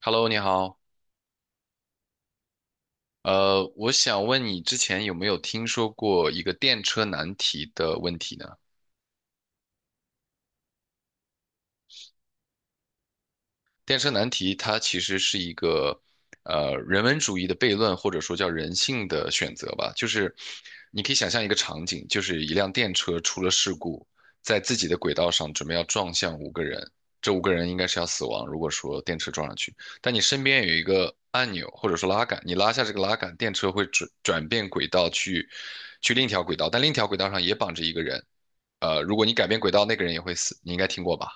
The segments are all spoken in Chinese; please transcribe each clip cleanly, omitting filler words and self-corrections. Hello，你好。我想问你之前有没有听说过一个电车难题的问题呢？电车难题它其实是一个人文主义的悖论，或者说叫人性的选择吧。就是你可以想象一个场景，就是一辆电车出了事故，在自己的轨道上准备要撞向五个人，这五个人应该是要死亡。如果说电车撞上去，但你身边有一个按钮或者说拉杆，你拉下这个拉杆，电车会转变轨道去另一条轨道，但另一条轨道上也绑着一个人。如果你改变轨道，那个人也会死。你应该听过吧？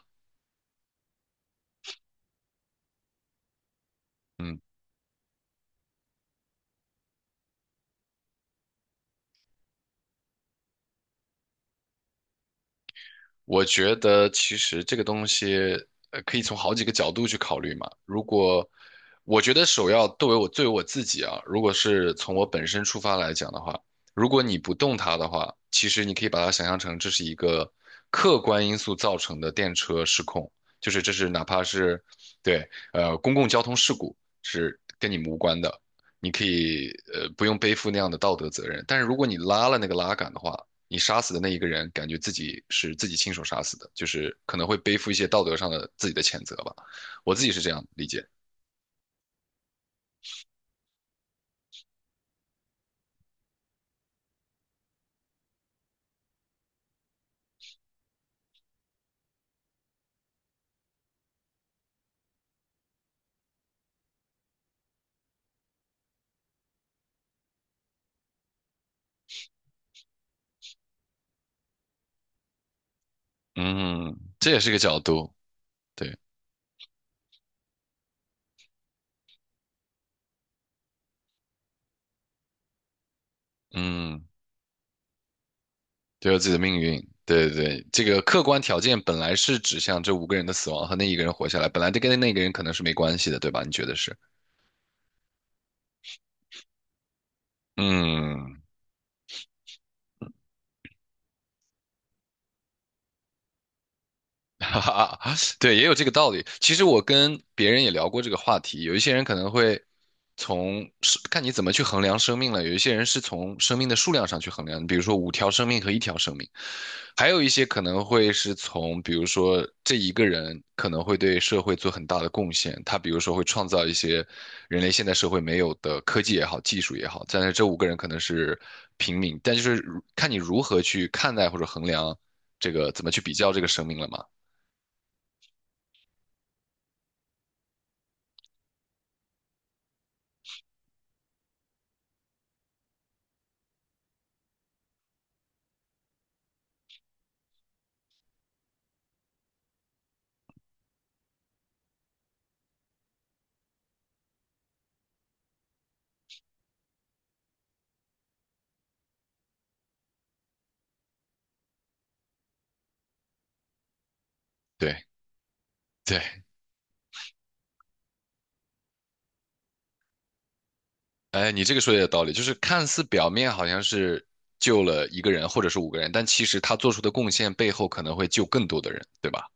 我觉得其实这个东西，可以从好几个角度去考虑嘛。如果我觉得首要作为我自己啊，如果是从我本身出发来讲的话，如果你不动它的话，其实你可以把它想象成这是一个客观因素造成的电车失控，就是这是哪怕是对公共交通事故是跟你们无关的，你可以不用背负那样的道德责任。但是如果你拉了那个拉杆的话，你杀死的那一个人，感觉自己是自己亲手杀死的，就是可能会背负一些道德上的自己的谴责吧。我自己是这样理解。嗯，这也是个角度，对，嗯，都有自己的命运，对对对，这个客观条件本来是指向这五个人的死亡和那一个人活下来，本来就跟那个人可能是没关系的，对吧？你觉得是？嗯，哈哈，哈，对，也有这个道理。其实我跟别人也聊过这个话题，有一些人可能会从是看你怎么去衡量生命了，有一些人是从生命的数量上去衡量，比如说五条生命和一条生命，还有一些可能会是从比如说这一个人可能会对社会做很大的贡献，他比如说会创造一些人类现代社会没有的科技也好，技术也好，但是这五个人可能是平民，但就是如看你如何去看待或者衡量这个怎么去比较这个生命了嘛。对对，哎，你这个说的有道理，就是看似表面好像是救了一个人或者是五个人，但其实他做出的贡献背后可能会救更多的人，对吧？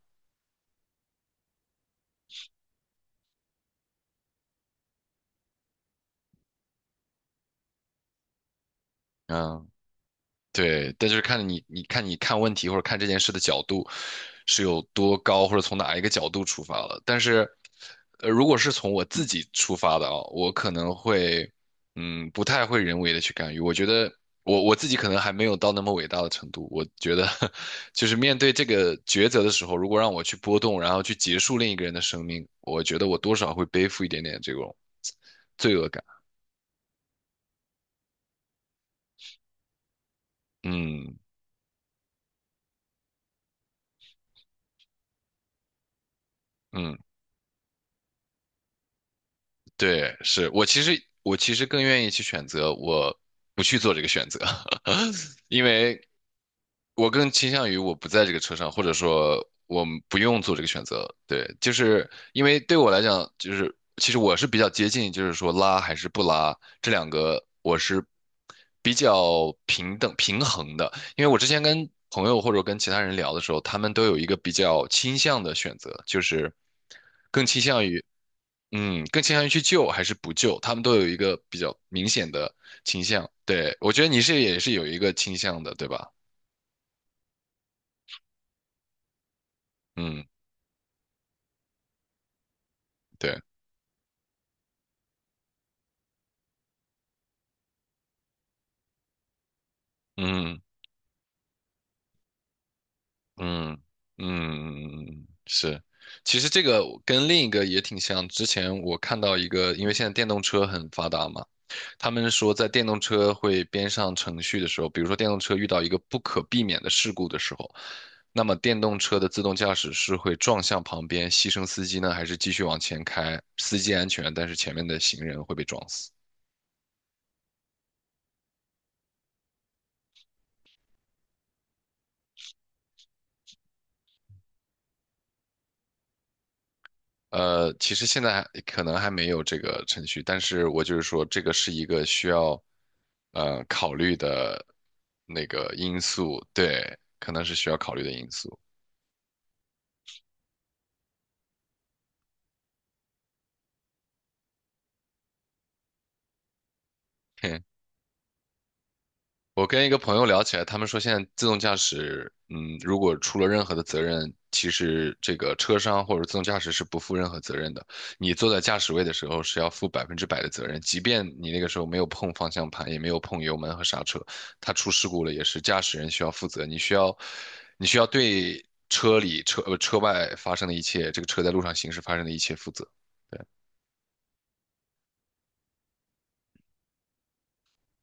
嗯，对，但就是看你，你看你看问题或者看这件事的角度是有多高，或者从哪一个角度出发了。但是，如果是从我自己出发的啊，我可能会，不太会人为的去干预。我觉得我自己可能还没有到那么伟大的程度。我觉得，就是面对这个抉择的时候，如果让我去波动，然后去结束另一个人的生命，我觉得我多少会背负一点点这种罪恶感。嗯嗯。对，是我其实更愿意去选择我不去做这个选择，因为我更倾向于我不在这个车上，或者说我们不用做这个选择。对，就是因为对我来讲，就是其实我是比较接近，就是说拉还是不拉这两个，我是比较平等平衡的。因为我之前跟朋友或者跟其他人聊的时候，他们都有一个比较倾向的选择，就是更倾向于。嗯，更倾向于去救还是不救，他们都有一个比较明显的倾向。对，我觉得你是也是有一个倾向的，对吧？嗯，对，嗯嗯嗯，是。其实这个跟另一个也挺像，之前我看到一个，因为现在电动车很发达嘛。他们说，在电动车会编上程序的时候，比如说电动车遇到一个不可避免的事故的时候，那么电动车的自动驾驶是会撞向旁边，牺牲司机呢，还是继续往前开？司机安全，但是前面的行人会被撞死。其实现在还可能还没有这个程序，但是我就是说，这个是一个需要考虑的那个因素，对，可能是需要考虑的因素。我跟一个朋友聊起来，他们说现在自动驾驶，嗯，如果出了任何的责任，其实这个车商或者自动驾驶是不负任何责任的。你坐在驾驶位的时候是要负100%的责任，即便你那个时候没有碰方向盘，也没有碰油门和刹车，它出事故了也是驾驶人需要负责。你需要，你需要对车里车外发生的一切，这个车在路上行驶发生的一切负责。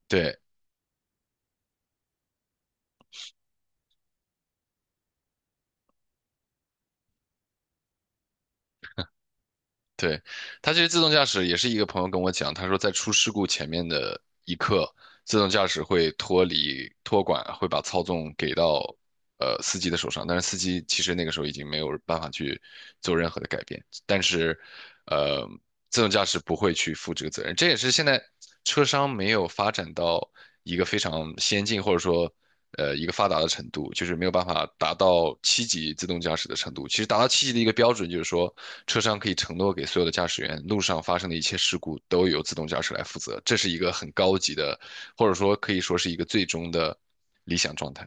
对，对，它其实自动驾驶也是一个朋友跟我讲，他说在出事故前面的一刻，自动驾驶会脱离托管，会把操纵给到司机的手上，但是司机其实那个时候已经没有办法去做任何的改变，但是呃自动驾驶不会去负这个责任，这也是现在车商没有发展到一个非常先进或者说一个发达的程度，就是没有办法达到七级自动驾驶的程度。其实达到七级的一个标准就是说，车商可以承诺给所有的驾驶员，路上发生的一切事故都由自动驾驶来负责。这是一个很高级的，或者说可以说是一个最终的理想状态。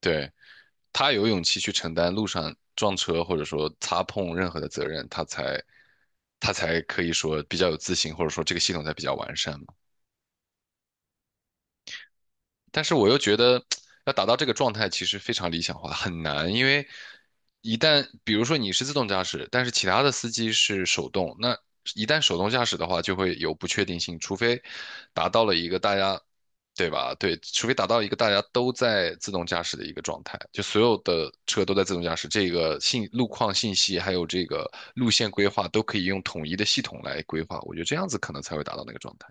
对，他有勇气去承担路上撞车或者说擦碰任何的责任，他才他才可以说比较有自信，或者说这个系统才比较完善嘛。但是我又觉得要达到这个状态其实非常理想化，很难，因为一旦比如说你是自动驾驶，但是其他的司机是手动，那一旦手动驾驶的话，就会有不确定性，除非达到了一个大家，对吧？对，除非达到一个大家都在自动驾驶的一个状态，就所有的车都在自动驾驶，这个信路况信息还有这个路线规划都可以用统一的系统来规划，我觉得这样子可能才会达到那个状态。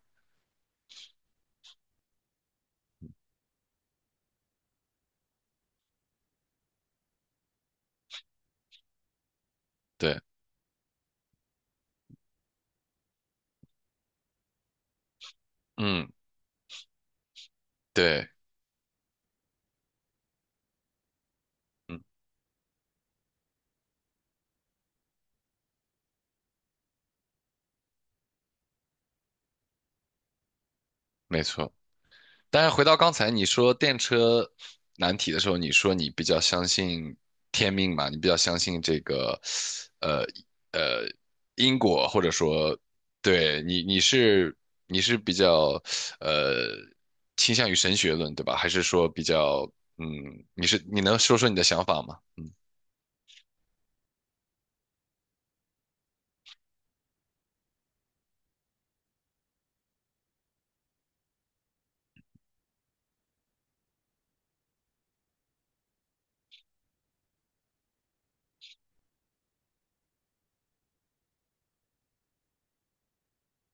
对，嗯，对，嗯，没错。但是回到刚才你说电车难题的时候，你说你比较相信天命嘛，你比较相信这个，呃呃因果，或者说，对你你是你是比较呃倾向于神学论对吧？还是说比较嗯，你是你能说说你的想法吗？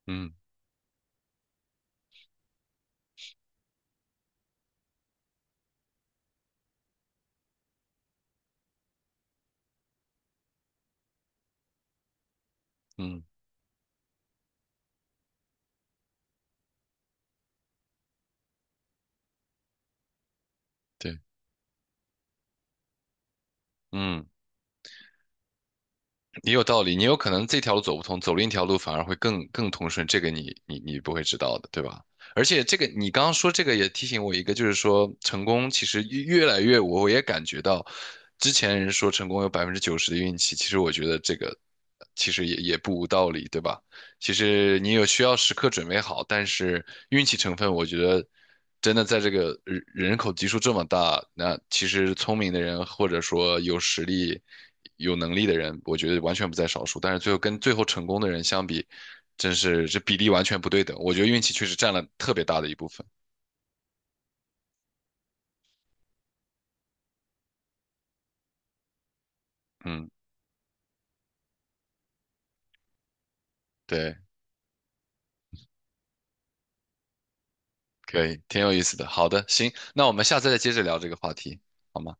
嗯嗯，对，嗯。也有道理，你有可能这条路走不通，走另一条路反而会更通顺，这个你不会知道的，对吧？而且这个你刚刚说这个也提醒我一个，就是说成功其实越来越，我也感觉到，之前人说成功有90%的运气，其实我觉得这个其实也不无道理，对吧？其实你有需要时刻准备好，但是运气成分，我觉得真的在这个人口基数这么大，那其实聪明的人或者说有实力、有能力的人，我觉得完全不在少数。但是最后跟最后成功的人相比，真是这比例完全不对等。我觉得运气确实占了特别大的一部分。嗯，对，可以，挺有意思的。好的，行，那我们下次再接着聊这个话题，好吗？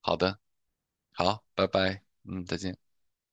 好的，好，拜拜。嗯，再见。